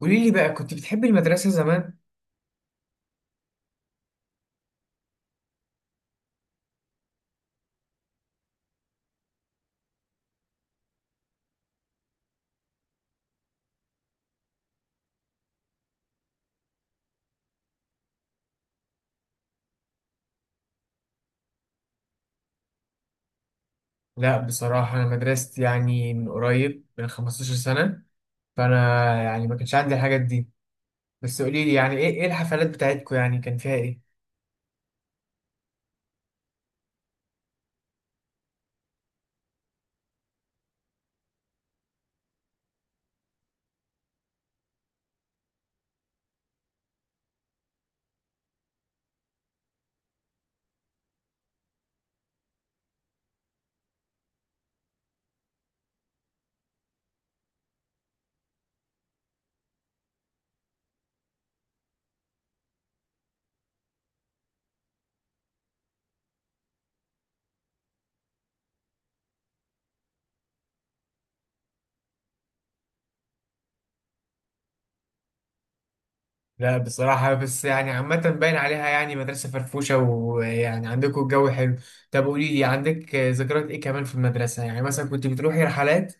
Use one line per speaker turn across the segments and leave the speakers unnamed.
قولي لي بقى كنت بتحبي المدرسة زمان؟ لا بصراحة أنا مدرستي من قريب من 15 سنة. فأنا ما كانش عندي الحاجات دي. بس قولي لي يعني إيه الحفلات بتاعتكم يعني كان فيها إيه؟ لا بصراحة، بس يعني عامة باين عليها يعني مدرسة فرفوشة، ويعني عندكم الجو حلو. طب قولي لي عندك ذكريات إيه كمان في المدرسة؟ يعني مثلا كنت بتروحي رحلات؟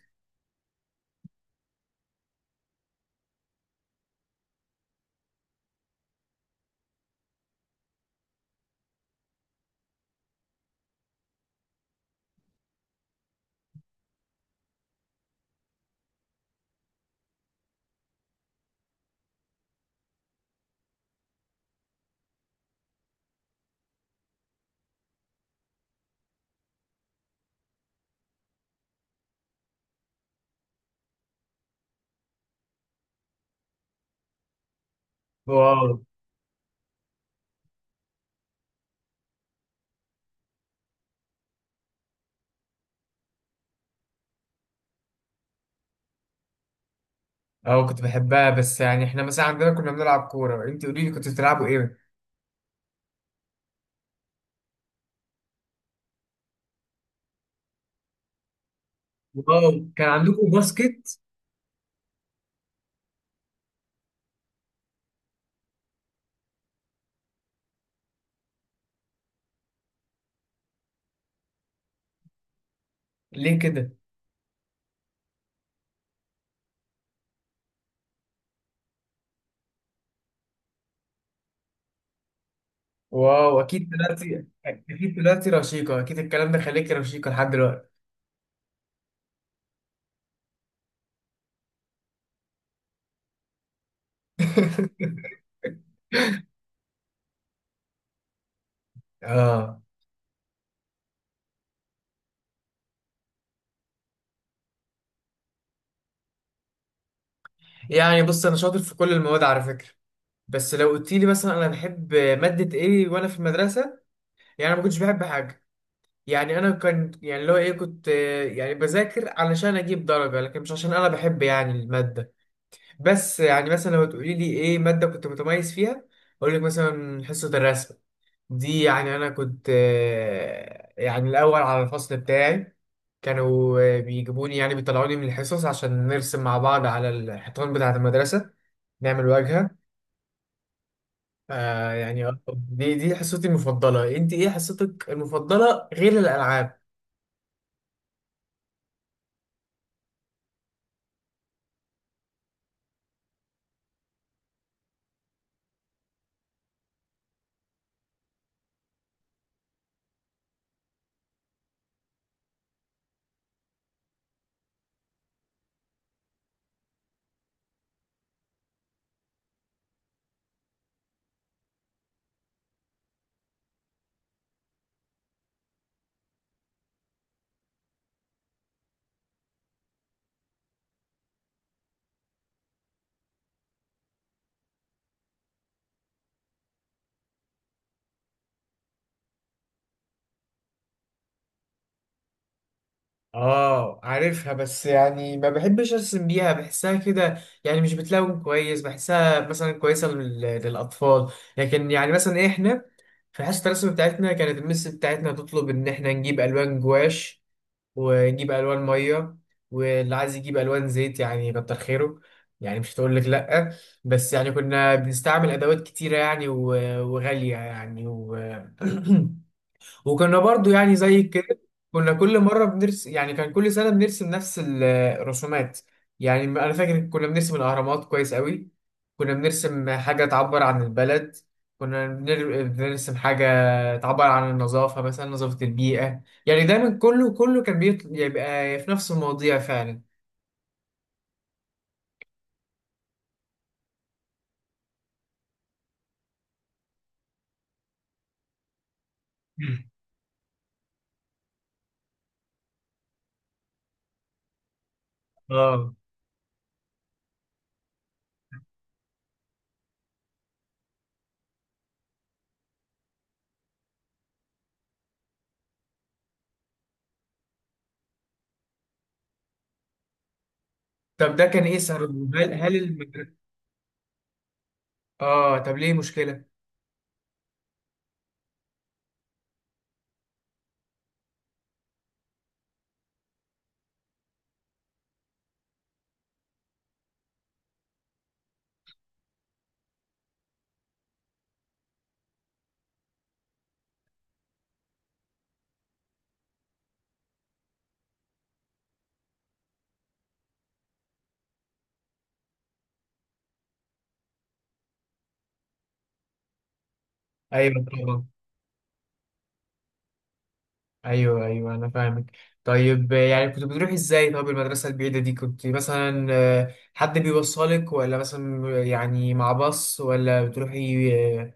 واو. أه، كنت بحبها، بس يعني إحنا مثلا عندنا كنا بنلعب كورة. أنت قولي لي كنت بتلعبوا إيه؟ واو، كان عندكم باسكت؟ ليه كده؟ واو، اكيد طلعتي اكيد طلعتي رشيقه، اكيد الكلام ده، خليكي رشيقه لحد دلوقتي. اه. يعني بص، انا شاطر في كل المواد على فكره. بس لو قلت لي مثلا انا بحب ماده ايه وانا في المدرسه، يعني انا ما كنتش بحب حاجه. يعني انا كان يعني اللي هو ايه، كنت يعني بذاكر علشان اجيب درجه، لكن مش عشان انا بحب يعني الماده. بس يعني مثلا لو تقولي لي ايه ماده كنت متميز فيها، اقول لك مثلا حصه الرسم. دي يعني انا كنت يعني الاول على الفصل بتاعي. كانوا بيجيبوني يعني بيطلعوني من الحصص عشان نرسم مع بعض على الحيطان بتاعة المدرسة، نعمل واجهة. آه يعني، آه، دي حصتي المفضلة. انت ايه حصتك المفضلة غير الالعاب؟ اه، عارفها، بس يعني ما بحبش ارسم بيها، بحسها كده يعني مش بتلون كويس. بحسها مثلا كويسه للاطفال. لكن يعني مثلا احنا في حصه الرسم بتاعتنا كانت المس بتاعتنا تطلب ان احنا نجيب الوان جواش، ونجيب الوان ميه، واللي عايز يجيب الوان زيت يعني كتر خيره، يعني مش هتقول لك لا. بس يعني كنا بنستعمل ادوات كتيره يعني وغاليه يعني. و وكنا برضو يعني زي كده كنا كل مرة بنرسم. يعني كان كل سنة بنرسم نفس الرسومات. يعني أنا فاكر كنا بنرسم الأهرامات كويس قوي. كنا بنرسم حاجة تعبر عن البلد. كنا بنرسم حاجة تعبر عن النظافة، مثلا نظافة البيئة. يعني دايما كله كان بيبقى في نفس المواضيع فعلا. مم. اه طب ده كان ايه سبب؟ هل المدرسة؟ اه، طب ليه مشكلة؟ ايوه طبعا. ايوه ايوه انا فاهمك. طيب يعني كنت بتروح ازاي؟ طب المدرسه البعيده دي كنت مثلا حد بيوصلك ولا مثلا يعني مع باص، ولا بتروحي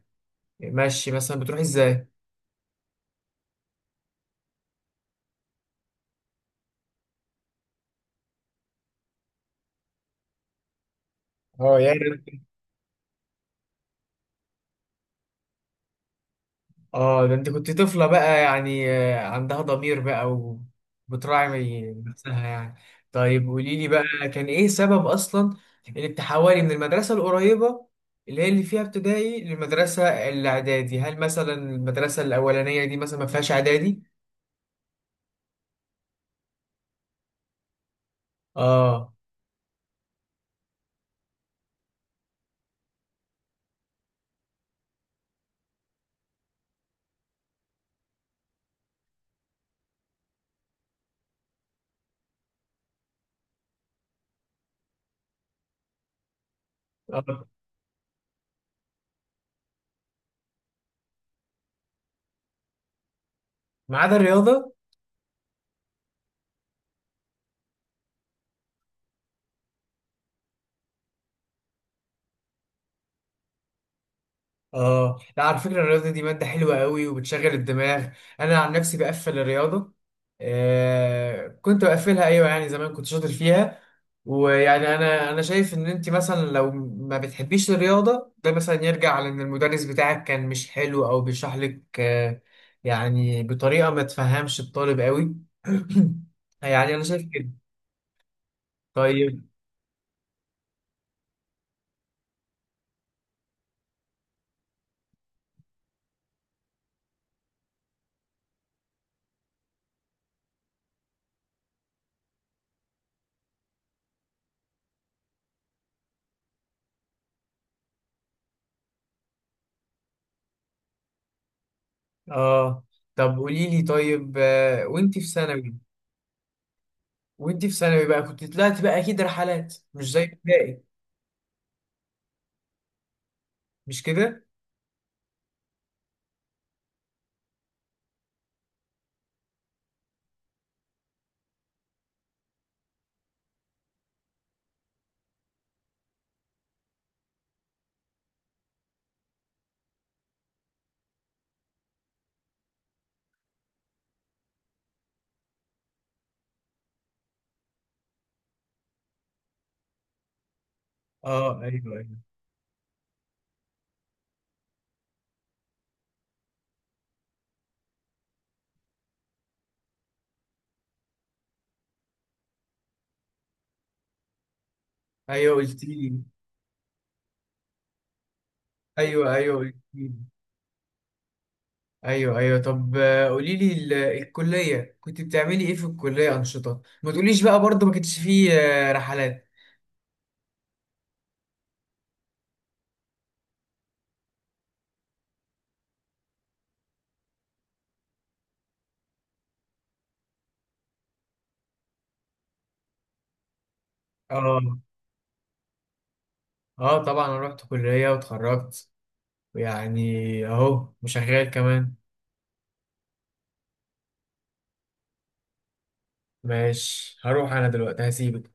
ماشي؟ مثلا بتروحي ازاي؟ اه يعني طيب. اه ده انت كنت طفلة بقى، يعني عندها ضمير بقى وبتراعي نفسها يعني. طيب قولي لي بقى، كان ايه سبب اصلا انك تحولي من المدرسة القريبة اللي هي اللي فيها ابتدائي للمدرسة الاعدادي؟ هل مثلا المدرسة الاولانية دي مثلا ما فيهاش اعدادي؟ اه. آه. ما عدا الرياضة؟ اه لا، على فكرة الرياضة دي مادة حلوة قوي وبتشغل الدماغ. انا عن نفسي بقفل الرياضة. آه كنت بقفلها، ايوه يعني زمان كنت شاطر فيها. ويعني انا شايف ان انت مثلا لو ما بتحبيش الرياضة، ده مثلا يرجع لان المدرس بتاعك كان مش حلو او بيشرح لك آه، يعني بطريقة ما تفهمش الطالب قوي. يعني انا شايف كده. طيب. اه طب قولي لي، طيب آه وانت في ثانوي بقى، كنت طلعت بقى اكيد رحلات مش زي ابتدائي، مش كده؟ اه ايوه ايوه. ايوه قلت لي. ايوه ايوه قلت لي. ايوه ايوه طب قولي لي الكليه كنت بتعملي ايه في الكليه، انشطه؟ ما تقوليش بقى برضه ما كانش فيه رحلات. اه. اه طبعا انا رحت كليه واتخرجت يعني، اهو وشغال كمان. ماشي هروح انا دلوقتي، هسيبك.